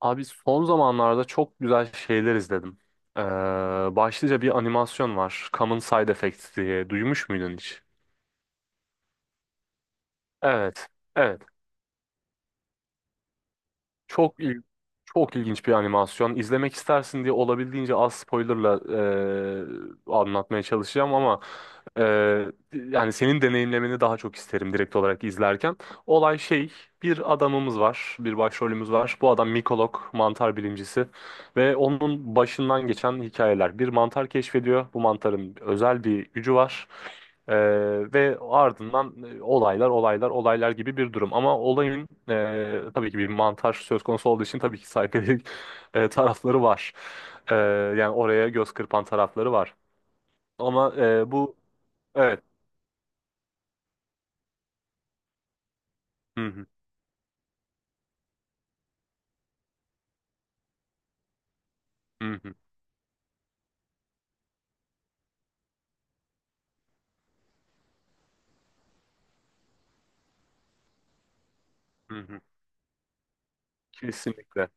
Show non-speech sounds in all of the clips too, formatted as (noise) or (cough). Abi son zamanlarda çok güzel şeyler izledim. Ee, başlıca bir animasyon var. Common Side Effects diye. Duymuş muydun hiç? Evet. Evet. Çok il Çok ilginç bir animasyon. İzlemek istersin diye olabildiğince az spoilerla anlatmaya çalışacağım ama e, yani senin deneyimlemeni daha çok isterim direkt olarak izlerken. Olay şey, bir adamımız var, bir başrolümüz var. Bu adam mikolog, mantar bilimcisi ve onun başından geçen hikayeler. Bir mantar keşfediyor. Bu mantarın özel bir gücü var. Ee, ve ardından olaylar olaylar olaylar gibi bir durum. Ama olayın tabii ki bir montaj söz konusu olduğu için tabii ki saykodelik (laughs) tarafları var. Ee, yani oraya göz kırpan tarafları var. Ama bu evet. Hı hı, hı hı, hı hı. Kesinlikle.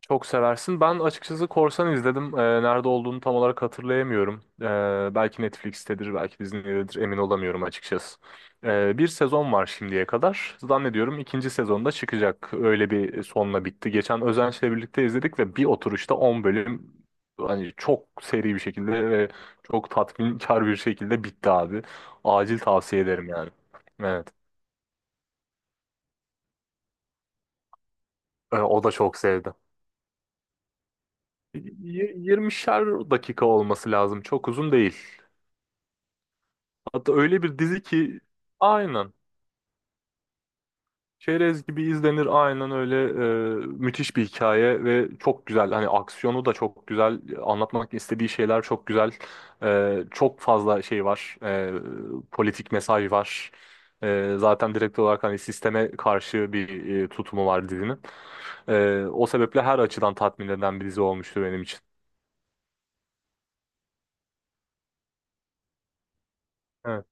Çok seversin. Ben açıkçası Korsan izledim. Nerede olduğunu tam olarak hatırlayamıyorum. Belki Netflix'tedir, belki Disney'dedir. Emin olamıyorum açıkçası. Bir sezon var şimdiye kadar. Zannediyorum ikinci sezonda çıkacak. Öyle bir sonla bitti. Geçen Özenç'le birlikte izledik ve bir oturuşta 10 bölüm hani çok seri bir şekilde ve çok tatminkar bir şekilde bitti abi. Acil tavsiye ederim yani. Evet. O da çok sevdi. 20'şer dakika olması lazım. Çok uzun değil. Hatta öyle bir dizi ki aynen. Çerez gibi izlenir aynen öyle müthiş bir hikaye ve çok güzel hani aksiyonu da çok güzel anlatmak istediği şeyler çok güzel. Çok fazla şey var. Politik mesaj var. Zaten direkt olarak hani sisteme karşı bir tutumu var dizinin. O sebeple her açıdan tatmin eden bir dizi olmuştu benim için. Evet.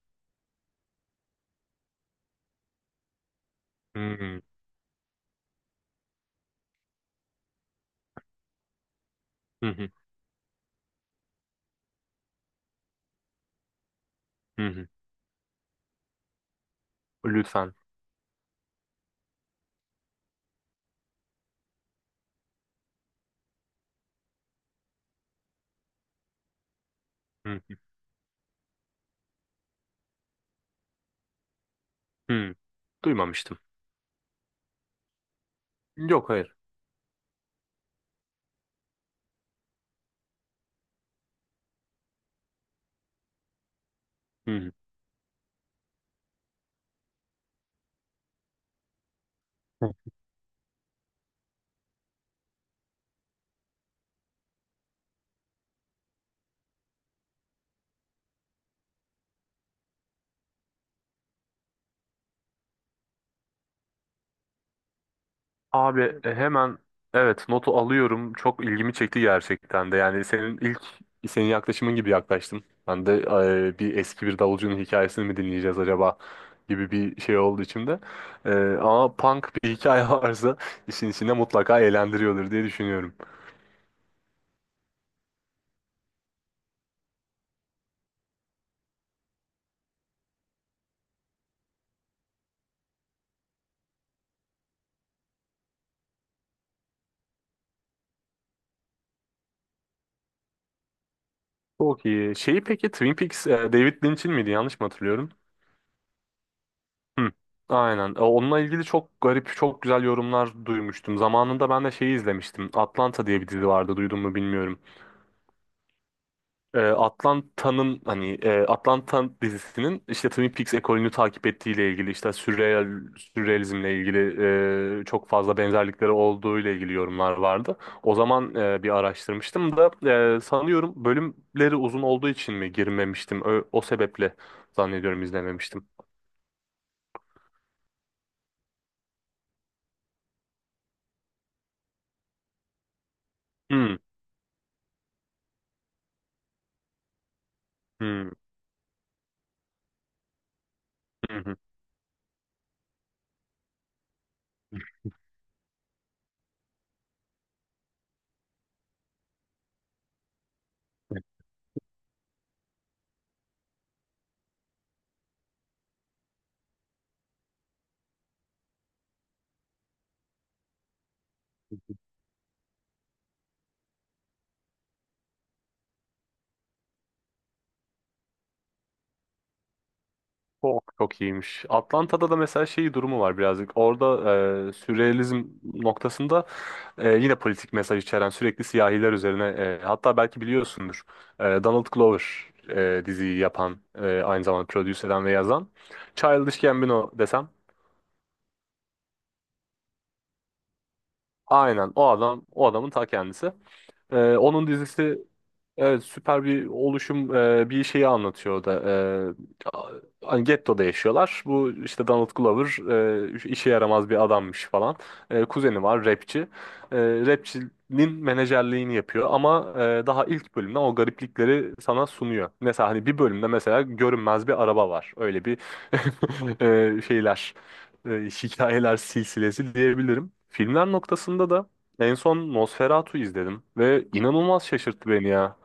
Hı hı, hı hı, hı hı. Lütfen. Hı hı. Hı. Duymamıştım. Yok hayır. Hı hı. Abi hemen evet notu alıyorum. Çok ilgimi çekti gerçekten de. Yani senin yaklaşımın gibi yaklaştım. Ben de bir eski bir davulcunun hikayesini mi dinleyeceğiz acaba gibi bir şey oldu içimde. E, ama punk bir hikaye (laughs) varsa işin içinde mutlaka eğlendiriyordur diye düşünüyorum. Çok iyi. Şeyi peki Twin Peaks David Lynch'in miydi? Yanlış mı hatırlıyorum? Hı. Aynen. Onunla ilgili çok garip, çok güzel yorumlar duymuştum. Zamanında ben de şeyi izlemiştim. Atlanta diye bir dizi vardı. Duydun mu bilmiyorum. Atlanta'nın hani Atlanta dizisinin işte Twin Peaks ekolünü takip ettiğiyle ilgili işte sürrealizmle ilgili çok fazla benzerlikleri olduğu ile ilgili yorumlar vardı. O zaman bir araştırmıştım da sanıyorum bölümleri uzun olduğu için mi girmemiştim. O sebeple zannediyorum izlememiştim. Hmm, hmm, hı hı. Çok çok iyiymiş. Atlanta'da da mesela şey durumu var birazcık. Orada sürrealizm noktasında yine politik mesaj içeren sürekli siyahiler üzerine hatta belki biliyorsundur. Donald Glover diziyi yapan, aynı zamanda prodüse eden ve yazan. Childish Gambino desem aynen o adam, o adamın ta kendisi. Onun dizisi, evet, süper bir oluşum, bir şeyi anlatıyor o da. E, a- hani gettoda yaşıyorlar. Bu işte Donald Glover işe yaramaz bir adammış falan. Kuzeni var rapçi. E, rapçinin menajerliğini yapıyor ama daha ilk bölümden o gariplikleri sana sunuyor. Mesela hani bir bölümde mesela görünmez bir araba var. Öyle bir (laughs) şeyler e, hikayeler silsilesi diyebilirim. Filmler noktasında da en son Nosferatu izledim ve inanılmaz şaşırttı beni ya.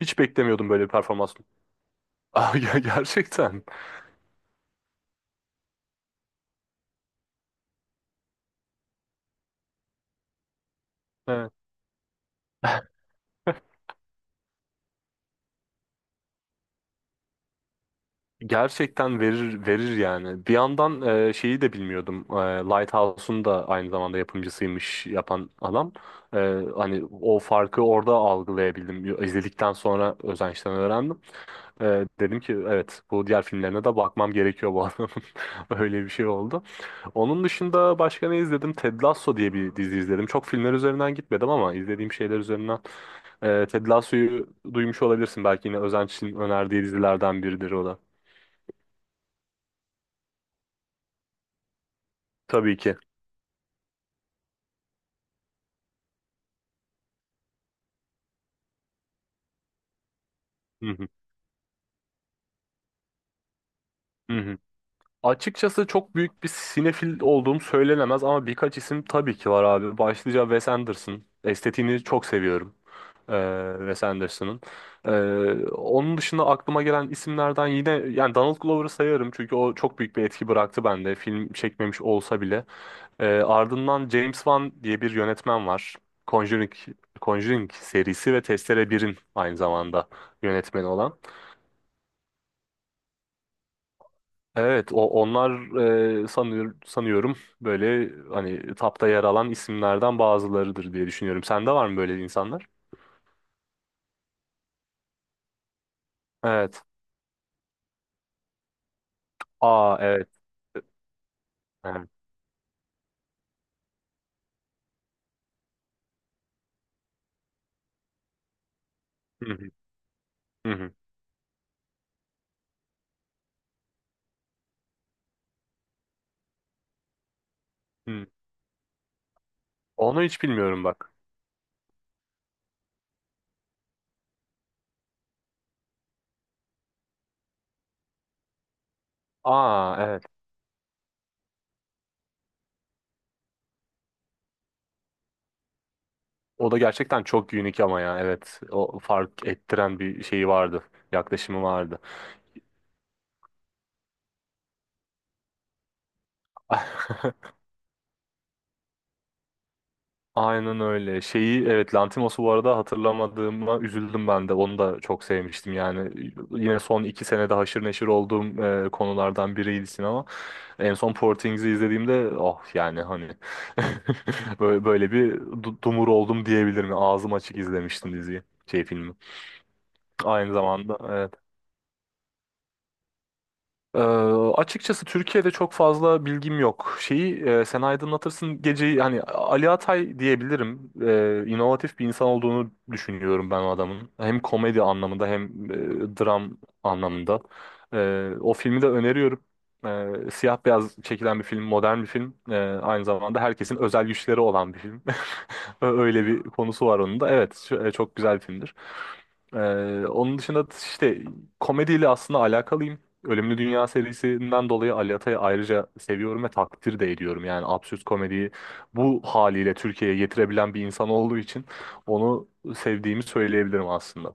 Hiç beklemiyordum böyle bir performans. (laughs) Aa, gerçekten. Evet. Gerçekten verir verir yani. Bir yandan şeyi de bilmiyordum. Lighthouse'un da aynı zamanda yapımcısıymış yapan adam. E, hani o farkı orada algılayabildim. İzledikten sonra Özenç'ten öğrendim. Dedim ki evet bu diğer filmlerine de bakmam gerekiyor bu adamın. (laughs) Öyle bir şey oldu. Onun dışında başka ne izledim? Ted Lasso diye bir dizi izledim. Çok filmler üzerinden gitmedim ama izlediğim şeyler üzerinden. Ted Lasso'yu duymuş olabilirsin. Belki yine Özenç'in önerdiği dizilerden biridir o da. Tabii ki. Hı hı. Hı hı. Açıkçası çok büyük bir sinefil olduğum söylenemez ama birkaç isim tabii ki var abi. Başlıca Wes Anderson. Estetiğini çok seviyorum. Wes Anderson'ın. Ee, onun dışında aklıma gelen isimlerden yine yani Donald Glover'ı sayarım çünkü o çok büyük bir etki bıraktı bende. Film çekmemiş olsa bile. Ardından James Wan diye bir yönetmen var. Conjuring, Conjuring serisi ve Testere birin aynı zamanda yönetmeni olan. Evet, o onlar sanıyorum böyle hani tapta yer alan isimlerden bazılarıdır diye düşünüyorum. Sende var mı böyle insanlar? Evet. Aa evet. Evet. Hı hı, hı hı, hı. Onu hiç bilmiyorum bak. Aa evet. O da gerçekten çok unik ama ya evet. O fark ettiren bir şeyi vardı. Yaklaşımı vardı. (laughs) Aynen öyle. Şeyi evet Lantimos'u bu arada hatırlamadığıma üzüldüm ben de. Onu da çok sevmiştim yani. Yine son iki senede haşır neşir olduğum konulardan biriydi sinema. En son Portings'i izlediğimde oh yani hani (laughs) böyle bir dumur oldum diyebilirim. Ağzım açık izlemiştim diziyi. Şey filmi. Aynı zamanda evet. Ee, açıkçası Türkiye'de çok fazla bilgim yok. Şeyi sen aydınlatırsın geceyi hani Ali Atay diyebilirim. İnovatif bir insan olduğunu düşünüyorum ben o adamın. Hem komedi anlamında hem dram anlamında. O filmi de öneriyorum. Siyah beyaz çekilen bir film, modern bir film. Aynı zamanda herkesin özel güçleri olan bir film. (laughs) Öyle bir konusu var onun da. Evet, çok güzel bir filmdir. Onun dışında işte komediyle aslında alakalıyım. Ölümlü Dünya serisinden dolayı Ali Atay'ı ayrıca seviyorum ve takdir de ediyorum. Yani absürt komediyi bu haliyle Türkiye'ye getirebilen bir insan olduğu için onu sevdiğimi söyleyebilirim aslında.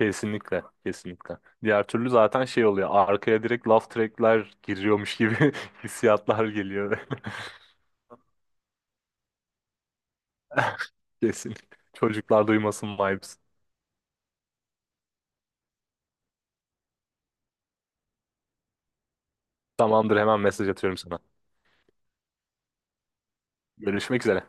Kesinlikle, kesinlikle. Diğer türlü zaten şey oluyor. Arkaya direkt laugh track'ler giriyormuş gibi (laughs) hissiyatlar geliyor. (laughs) Kesin. Çocuklar duymasın vibes. Tamamdır, hemen mesaj atıyorum sana. Görüşmek üzere.